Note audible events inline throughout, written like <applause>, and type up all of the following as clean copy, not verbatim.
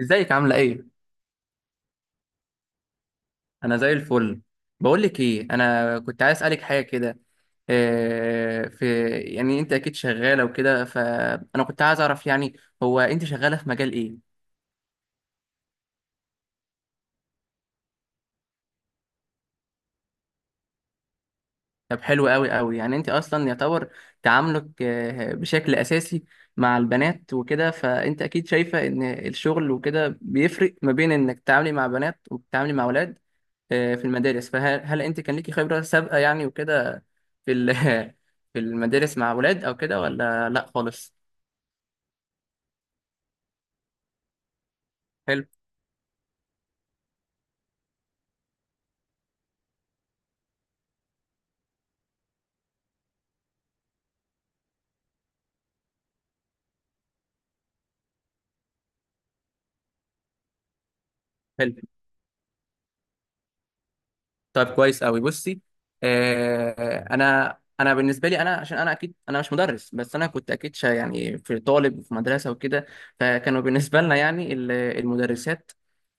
ازيك عاملة ايه؟ انا زي الفل. بقول لك ايه، انا كنت عايز اسالك حاجة كده. إيه في، يعني انت اكيد شغالة وكده، فانا كنت عايز اعرف، يعني هو انت شغالة في مجال ايه؟ طب حلو قوي قوي، يعني انت اصلا يعتبر تعاملك بشكل اساسي مع البنات وكده، فانت اكيد شايفة ان الشغل وكده بيفرق ما بين انك تتعاملي مع بنات وبتتعاملي مع اولاد في المدارس. فهل انت كان ليكي خبرة سابقة يعني وكده في <laughs> في المدارس مع ولاد او كده، ولا لا خالص؟ حلو. حلو. طيب كويس قوي، بصي. انا انا بالنسبه لي، انا عشان انا اكيد انا مش مدرس، بس انا كنت اكيد شا يعني في طالب في مدرسه وكده، فكانوا بالنسبه لنا يعني المدرسات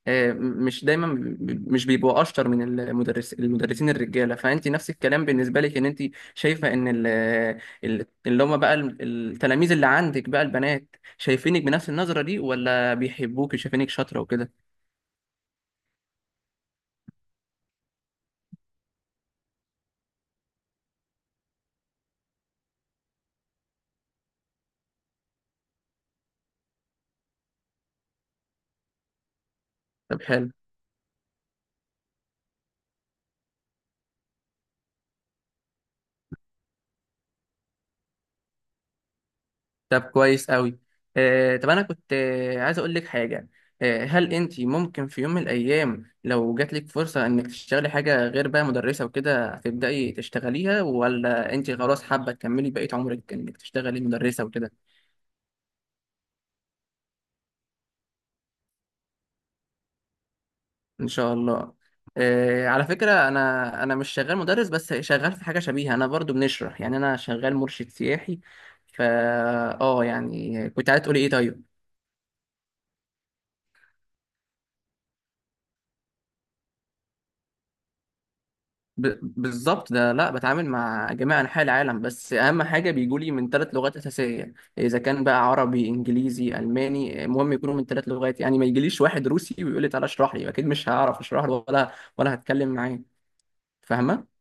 مش دايما مش بيبقوا اشطر من المدرسين الرجاله. فانت نفس الكلام بالنسبه لك، ان انت شايفه ان اللي هم بقى التلاميذ اللي عندك بقى البنات، شايفينك بنفس النظره دي، ولا بيحبوك وشايفينك شاطره وكده؟ طب حلو. طب كويس قوي. طب انا كنت عايز اقول لك حاجه. هل انت ممكن في يوم من الايام، لو جات لك فرصه انك تشتغلي حاجه غير بقى مدرسه وكده، هتبداي تشتغليها، ولا انت خلاص حابه تكملي بقيه عمرك انك تشتغلي مدرسه وكده؟ ان شاء الله. على فكره انا انا مش شغال مدرس، بس شغال في حاجه شبيهه، انا برضو بنشرح يعني، انا شغال مرشد سياحي. فا اه يعني كنت عايز تقولي ايه طيب؟ بالظبط، ده لا بتعامل مع جميع انحاء العالم، بس اهم حاجه بيجولي من ثلاث لغات اساسيه، اذا كان بقى عربي انجليزي الماني، المهم يكونوا من ثلاث لغات، يعني ما يجيليش واحد روسي ويقول لي تعالى اشرح لي، اكيد مش هعرف اشرح له، ولا ولا هتكلم معاه. فاهمه.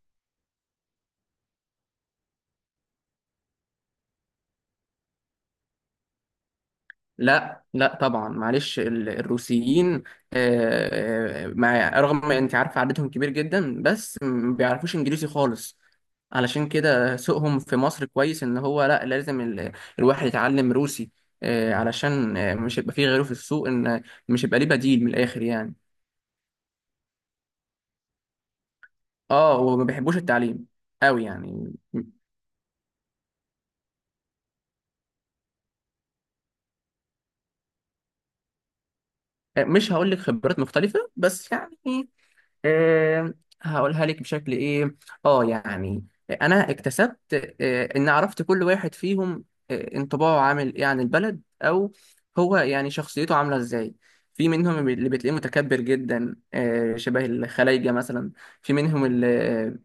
لا لا طبعا، معلش الروسيين، مع رغم ما انت عارف عددهم كبير جدا، بس ما بيعرفوش انجليزي خالص. علشان كده سوقهم في مصر كويس، ان هو لا لازم الواحد يتعلم روسي، علشان مش هيبقى فيه غيره في السوق، ان مش هيبقى ليه بديل من الاخر يعني. اه، وما بيحبوش التعليم. قوي يعني مش هقول لك خبرات مختلفة بس يعني، آه، هقولها لك بشكل ايه. اه يعني انا اكتسبت ان عرفت كل واحد فيهم انطباعه عامل ايه عن البلد، او هو يعني شخصيته عامله ازاي. في منهم اللي بتلاقيه متكبر جدا، شبه الخلايجه مثلا. في منهم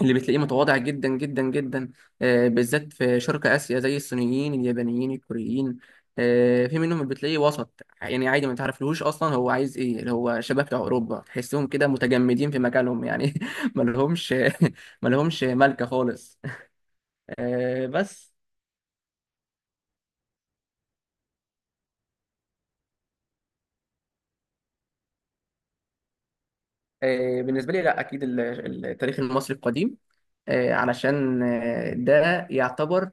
اللي بتلاقيه متواضع جدا جدا جدا، بالذات في شرق آسيا زي الصينيين اليابانيين الكوريين. في منهم اللي بتلاقيه وسط يعني عادي، ما تعرفلهوش أصلا هو عايز إيه، اللي هو شباب بتوع أوروبا تحسهم كده متجمدين في مجالهم يعني <laughs> ما لهمش ما لهمش <laughs> ملكة خالص. بس بالنسبة لي لا أكيد التاريخ المصري القديم، علشان ده يعتبر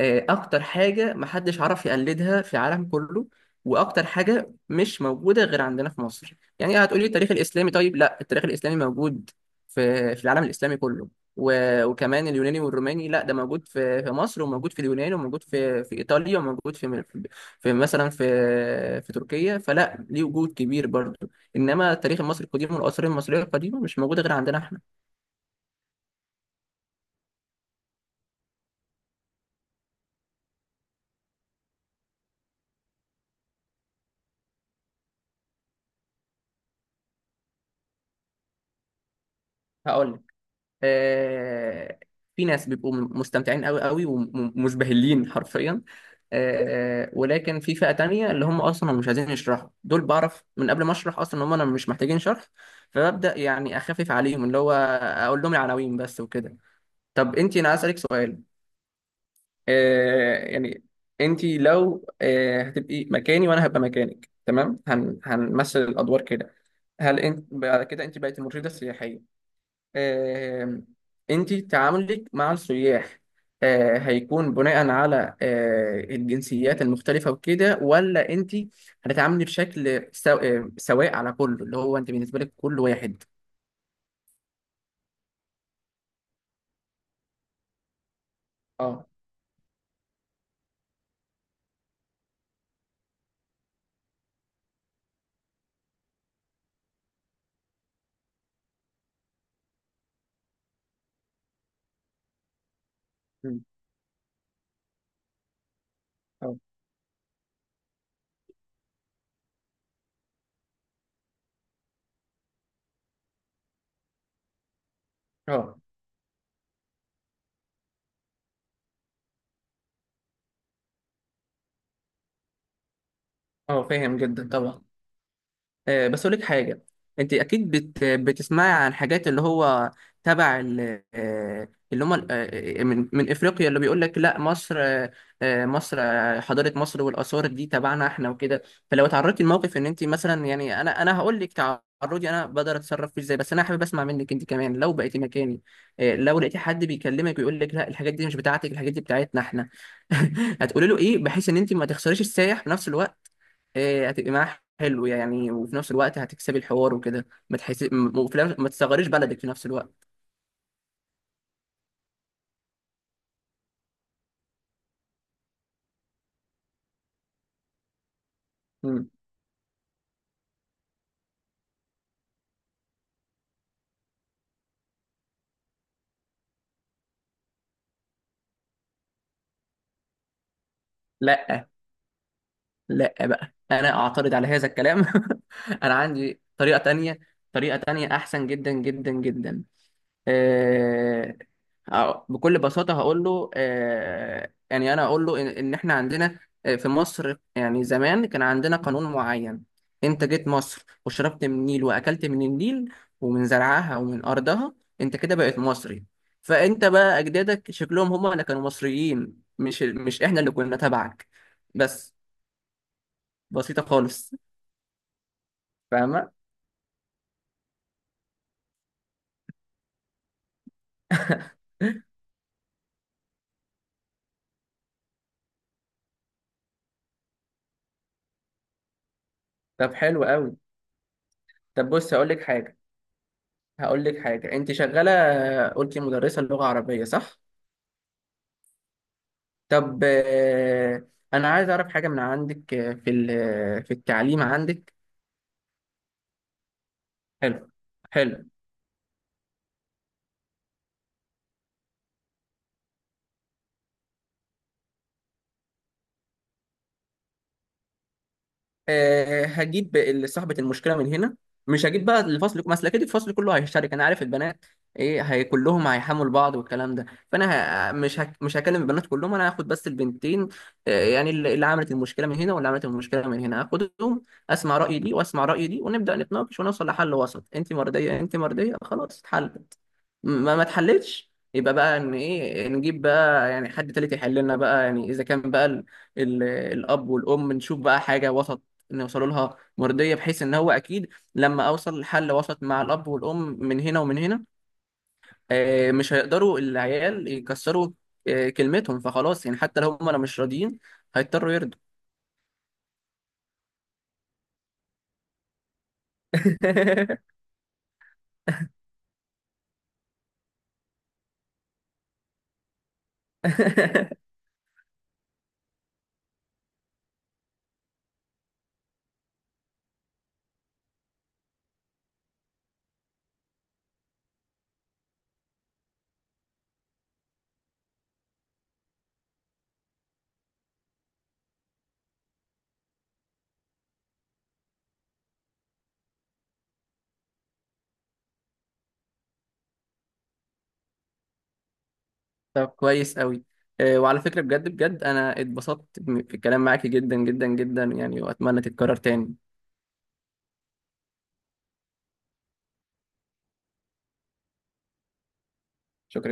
اكتر حاجه محدش عرف يقلدها في العالم كله، واكتر حاجه مش موجوده غير عندنا في مصر. يعني هتقولي التاريخ الاسلامي، طيب لا، التاريخ الاسلامي موجود في العالم الاسلامي كله، وكمان اليوناني والروماني، لا ده موجود في مصر، وموجود في اليونان، وموجود في ايطاليا، وموجود في في مثلا في تركيا، فلا ليه وجود كبير برضه. انما التاريخ المصري القديم والاثار المصريه القديمه مش موجوده غير عندنا احنا. هقول لك، آه، في ناس بيبقوا مستمتعين قوي قوي ومزبهلين حرفيا، ولكن في فئة تانية اللي هم اصلا مش عايزين يشرحوا، دول بعرف من قبل ما اشرح اصلا ان هم انا مش محتاجين شرح. فببدأ يعني اخفف عليهم اللي هو اقول لهم العناوين بس وكده. طب انت، انا عايز اسالك سؤال. يعني انت لو هتبقي مكاني وانا هبقى مكانك، تمام، هنمثل الادوار كده، هل انت بعد كده انت بقيت المرشده السياحيه، انت تعاملك مع السياح هيكون بناء على الجنسيات المختلفة وكده، ولا انت هتتعاملي بشكل سواء على كله، اللي هو انت بالنسبة لك كل واحد. اه. مم. اه. اه. اه فاهم جدا طبعا. بس اقول لك حاجه، انت اكيد بتسمعي عن حاجات اللي هو تبع ال... آه، اللي هم ال- آه، من من افريقيا، اللي بيقول لك لا مصر، مصر حضاره مصر والاثار دي تبعنا احنا وكده. فلو تعرضتي لموقف ان انت مثلا، يعني انا انا هقول لك تعرضي، انا بقدر اتصرف فيه ازاي، بس انا حابب اسمع منك انت كمان لو بقيتي مكاني. لو لقيتي حد بيكلمك ويقول لك لا الحاجات دي مش بتاعتك، الحاجات دي بتاعتنا احنا، <laughs> هتقولي له ايه، بحيث ان انت ما تخسريش السايح في نفس الوقت؟ هتبقي معاه حلو يعني، وفي نفس الوقت هتكسبي الحوار وكده، ما تحس ما تصغريش بلدك في نفس الوقت. مم. لا. لا بقى انا اعترض على هذا الكلام <laughs> انا عندي طريقة تانية، طريقة تانية احسن جدا جدا جدا. آه، بكل بساطة هقول له، يعني أنا أقول له إن إحنا عندنا في مصر، يعني زمان كان عندنا قانون معين، أنت جيت مصر وشربت من النيل وأكلت من النيل ومن زرعها ومن أرضها، أنت كده بقيت مصري. فأنت بقى أجدادك شكلهم هما اللي كانوا مصريين، مش إحنا اللي كنا تبعك، بس. بسيطة خالص. فاهمة؟ طب حلو قوي. طب بص هقول لك حاجة، أنت شغالة قلتي مدرسة لغة عربية صح؟ طب انا عايز اعرف حاجه من عندك آه، في ال- آه، في التعليم عندك. حلو. حلو. أه هجيب صاحبه المشكله من هنا، مش هجيب بقى الفصل، ما أصل اكيد الفصل كله هيشترك، انا عارف البنات ايه، هي كلهم هيحملوا بعض والكلام ده. فانا مش هكلم البنات كلهم، انا هاخد بس البنتين، يعني اللي عملت المشكله من هنا واللي عملت المشكله من هنا، هاخدهم اسمع راي دي واسمع راي دي، ونبدا نتناقش ونوصل لحل وسط. انت مرضيه، انت مرضيه، خلاص اتحل. ما اتحلتش، يبقى بقى ان ايه، نجيب بقى يعني حد تالت يحل لنا بقى، يعني اذا كان بقى ال الاب والام، نشوف بقى حاجه وسط نوصلوا لها مرضيه، بحيث ان هو اكيد لما اوصل لحل وسط مع الاب والام من هنا ومن هنا، مش هيقدروا العيال يكسروا كلمتهم، فخلاص يعني حتى لو هم انا مش راضيين هيضطروا يرضوا. <laughs> طب كويس قوي. وعلى فكره بجد بجد انا اتبسطت في الكلام معاكي جدا جدا جدا يعني، واتمنى تتكرر تاني. شكرا.